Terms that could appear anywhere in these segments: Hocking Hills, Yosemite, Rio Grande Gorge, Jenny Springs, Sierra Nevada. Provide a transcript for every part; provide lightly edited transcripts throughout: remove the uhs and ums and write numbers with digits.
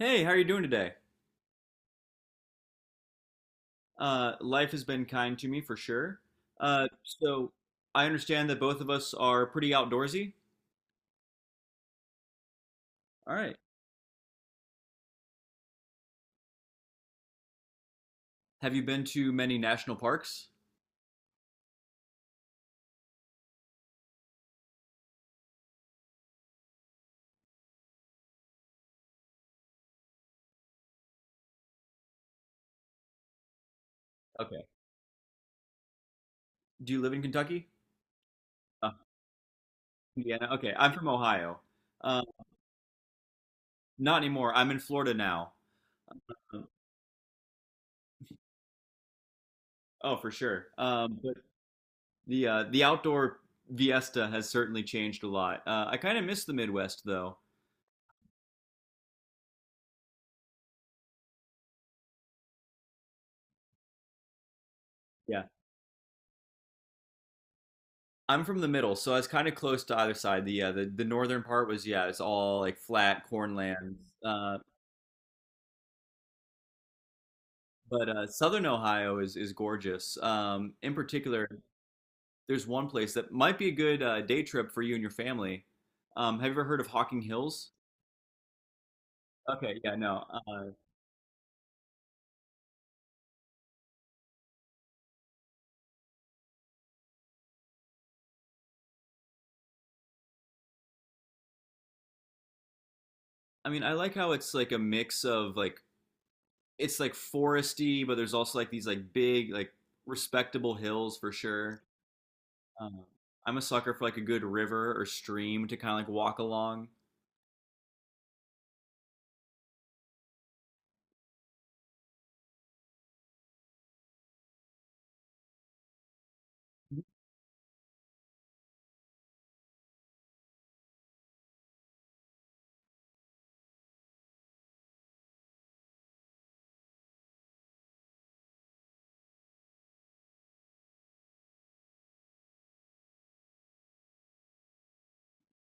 Hey, how are you doing today? Life has been kind to me for sure. So I understand that both of us are pretty outdoorsy. All right. Have you been to many national parks? Okay. Do you live in Kentucky? Uh, Indiana. Okay. I'm from Ohio. Uh, Not anymore. I'm in Florida now. Um, Oh, for sure. But the outdoor Fiesta has certainly changed a lot. I kind of miss the Midwest though. Yeah. I'm from the middle, so I was kind of close to either side. The the northern part was, yeah, it's all like flat cornlands. Uh, but southern Ohio is gorgeous. In particular, there's one place that might be a good day trip for you and your family. Have you ever heard of Hocking Hills? Okay, yeah, no. I mean, I like how it's like a mix of like it's like foresty, but there's also like these like big like respectable hills for sure. Um, I'm a sucker for like a good river or stream to kind of like walk along.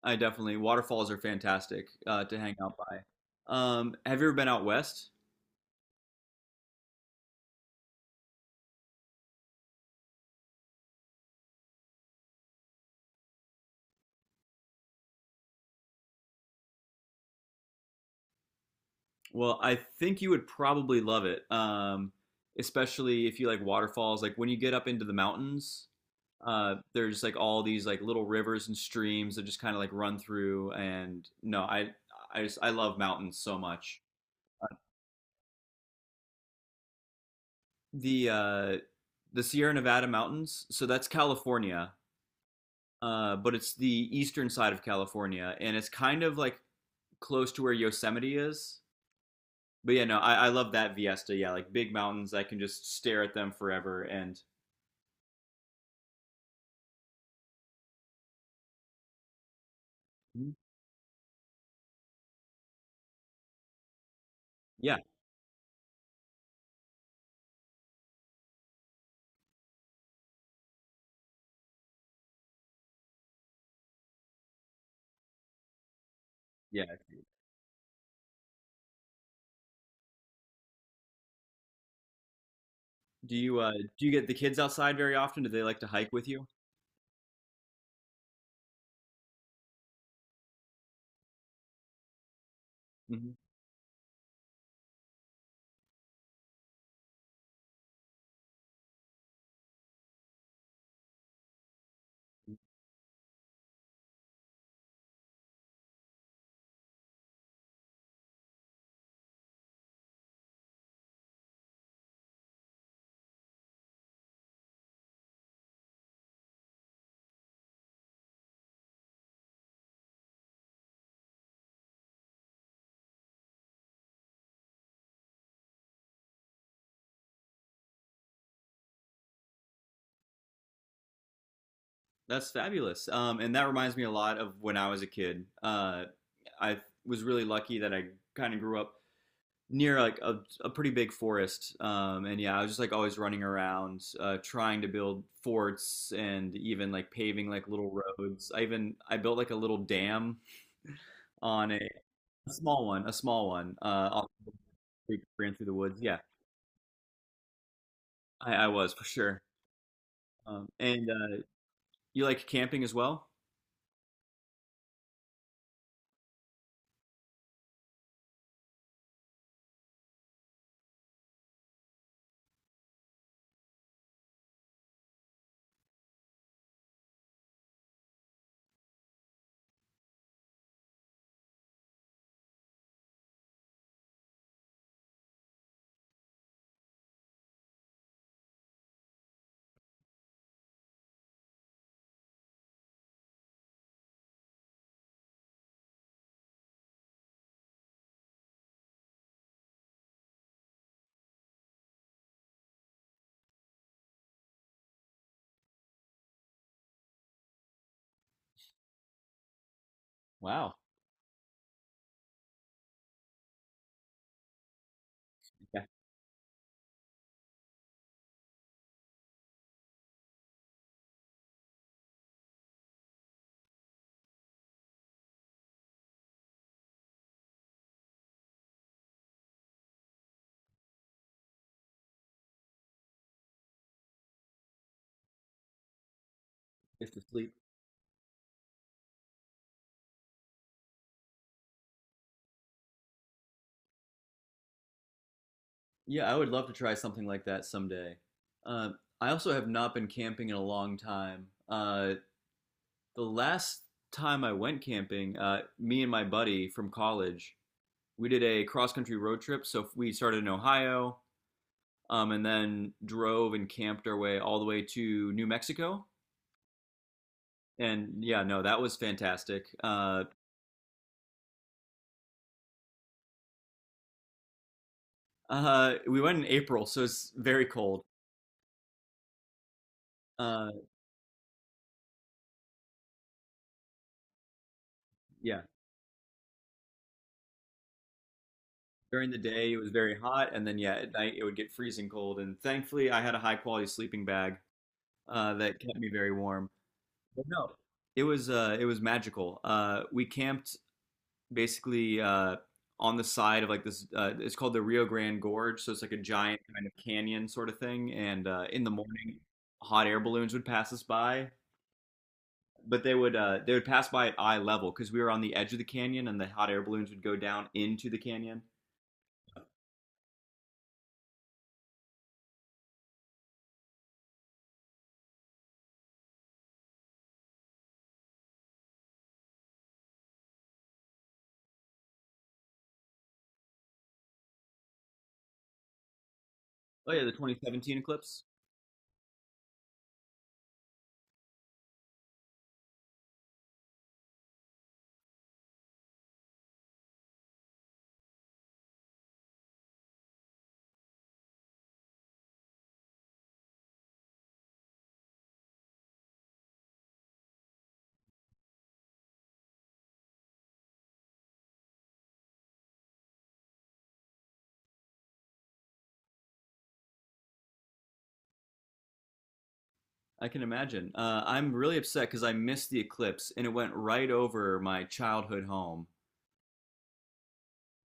I definitely waterfalls are fantastic to hang out by. Have you ever been out west? Well, I think you would probably love it, especially if you like waterfalls. Like when you get up into the mountains, there's like all these like little rivers and streams that just kind of like run through. And no, I just I love mountains so much. The uh, the Sierra Nevada mountains, so that's California. Uh, but it's the eastern side of California, and it's kind of like close to where Yosemite is. But yeah, no, I love that Viesta. Yeah, like big mountains, I can just stare at them forever. And mhm, yeah, yeah. Do you uh, do you get the kids outside very often? Do they like to hike with you? Hmm. That's fabulous. And that reminds me a lot of when I was a kid. I was really lucky that I kind of grew up near like a pretty big forest, and yeah, I was just like always running around, trying to build forts and even like paving like little roads. I built like a little dam on a small one on the creek ran through the woods, yeah. I was for sure. And You like camping as well. Wow, yeah, it's to sleep. Yeah, I would love to try something like that someday. uh, I also have not been camping in a long time. The last time I went camping, me and my buddy from college, we did a cross country road trip. So we started in Ohio, and then drove and camped our way all the way to New Mexico. And yeah, no, that was fantastic. We went in April, so it's very cold. Uh, yeah, during the day it was very hot, and then yeah, at night it would get freezing cold. And thankfully, I had a high quality sleeping bag that kept me very warm. But no, it was magical. We camped basically on the side of like this. It's called the Rio Grande Gorge, so it's like a giant kind of canyon sort of thing. And in the morning, hot air balloons would pass us by, but they would pass by at eye level because we were on the edge of the canyon, and the hot air balloons would go down into the canyon. Oh yeah, the 2017 eclipse. I can imagine. I'm really upset because I missed the eclipse, and it went right over my childhood home.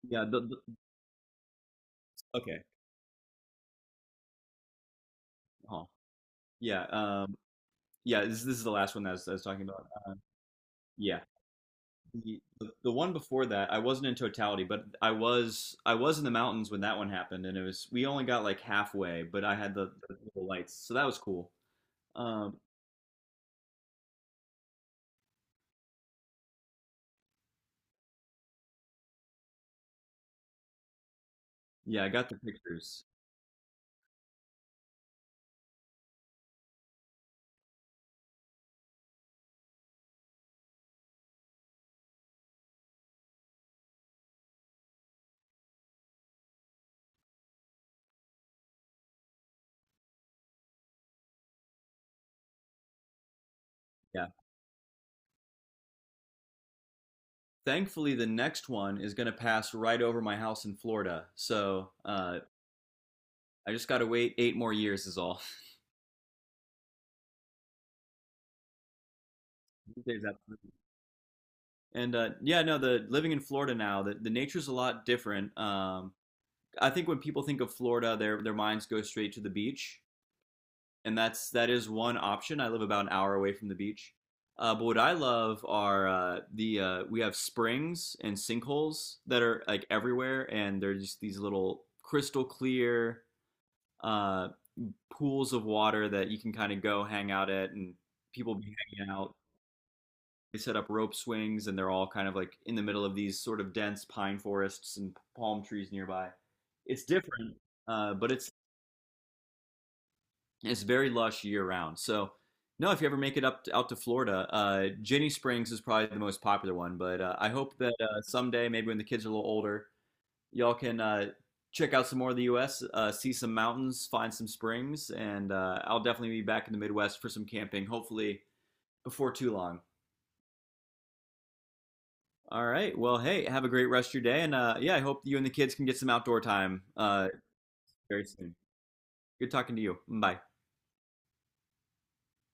Yeah. Okay. Oh. Yeah. Yeah. This is the last one that I was talking about. Yeah. The one before that, I wasn't in totality, but I was in the mountains when that one happened, and it was we only got like halfway, but I had the little lights, so that was cool. Um, yeah, I got the pictures. Yeah, thankfully the next one is gonna pass right over my house in Florida, so I just gotta wait 8 more years is all. There's that. And yeah, no, the living in Florida now, the nature's a lot different. I think when people think of Florida, their minds go straight to the beach. And that is one option. I live about an hour away from the beach. But what I love are the we have springs and sinkholes that are like everywhere, and they're just these little crystal clear uh, pools of water that you can kind of go hang out at, and people be hanging out. They set up rope swings, and they're all kind of like in the middle of these sort of dense pine forests and palm trees nearby. It's different, but it's very lush year round. So, no, if you ever make it up to, out to Florida, Jenny Springs is probably the most popular one. But I hope that someday, maybe when the kids are a little older, y'all can check out some more of the U.S., see some mountains, find some springs, and I'll definitely be back in the Midwest for some camping, hopefully before too long. All right. Well, hey, have a great rest of your day, and yeah, I hope you and the kids can get some outdoor time very soon. Good talking to you. Bye.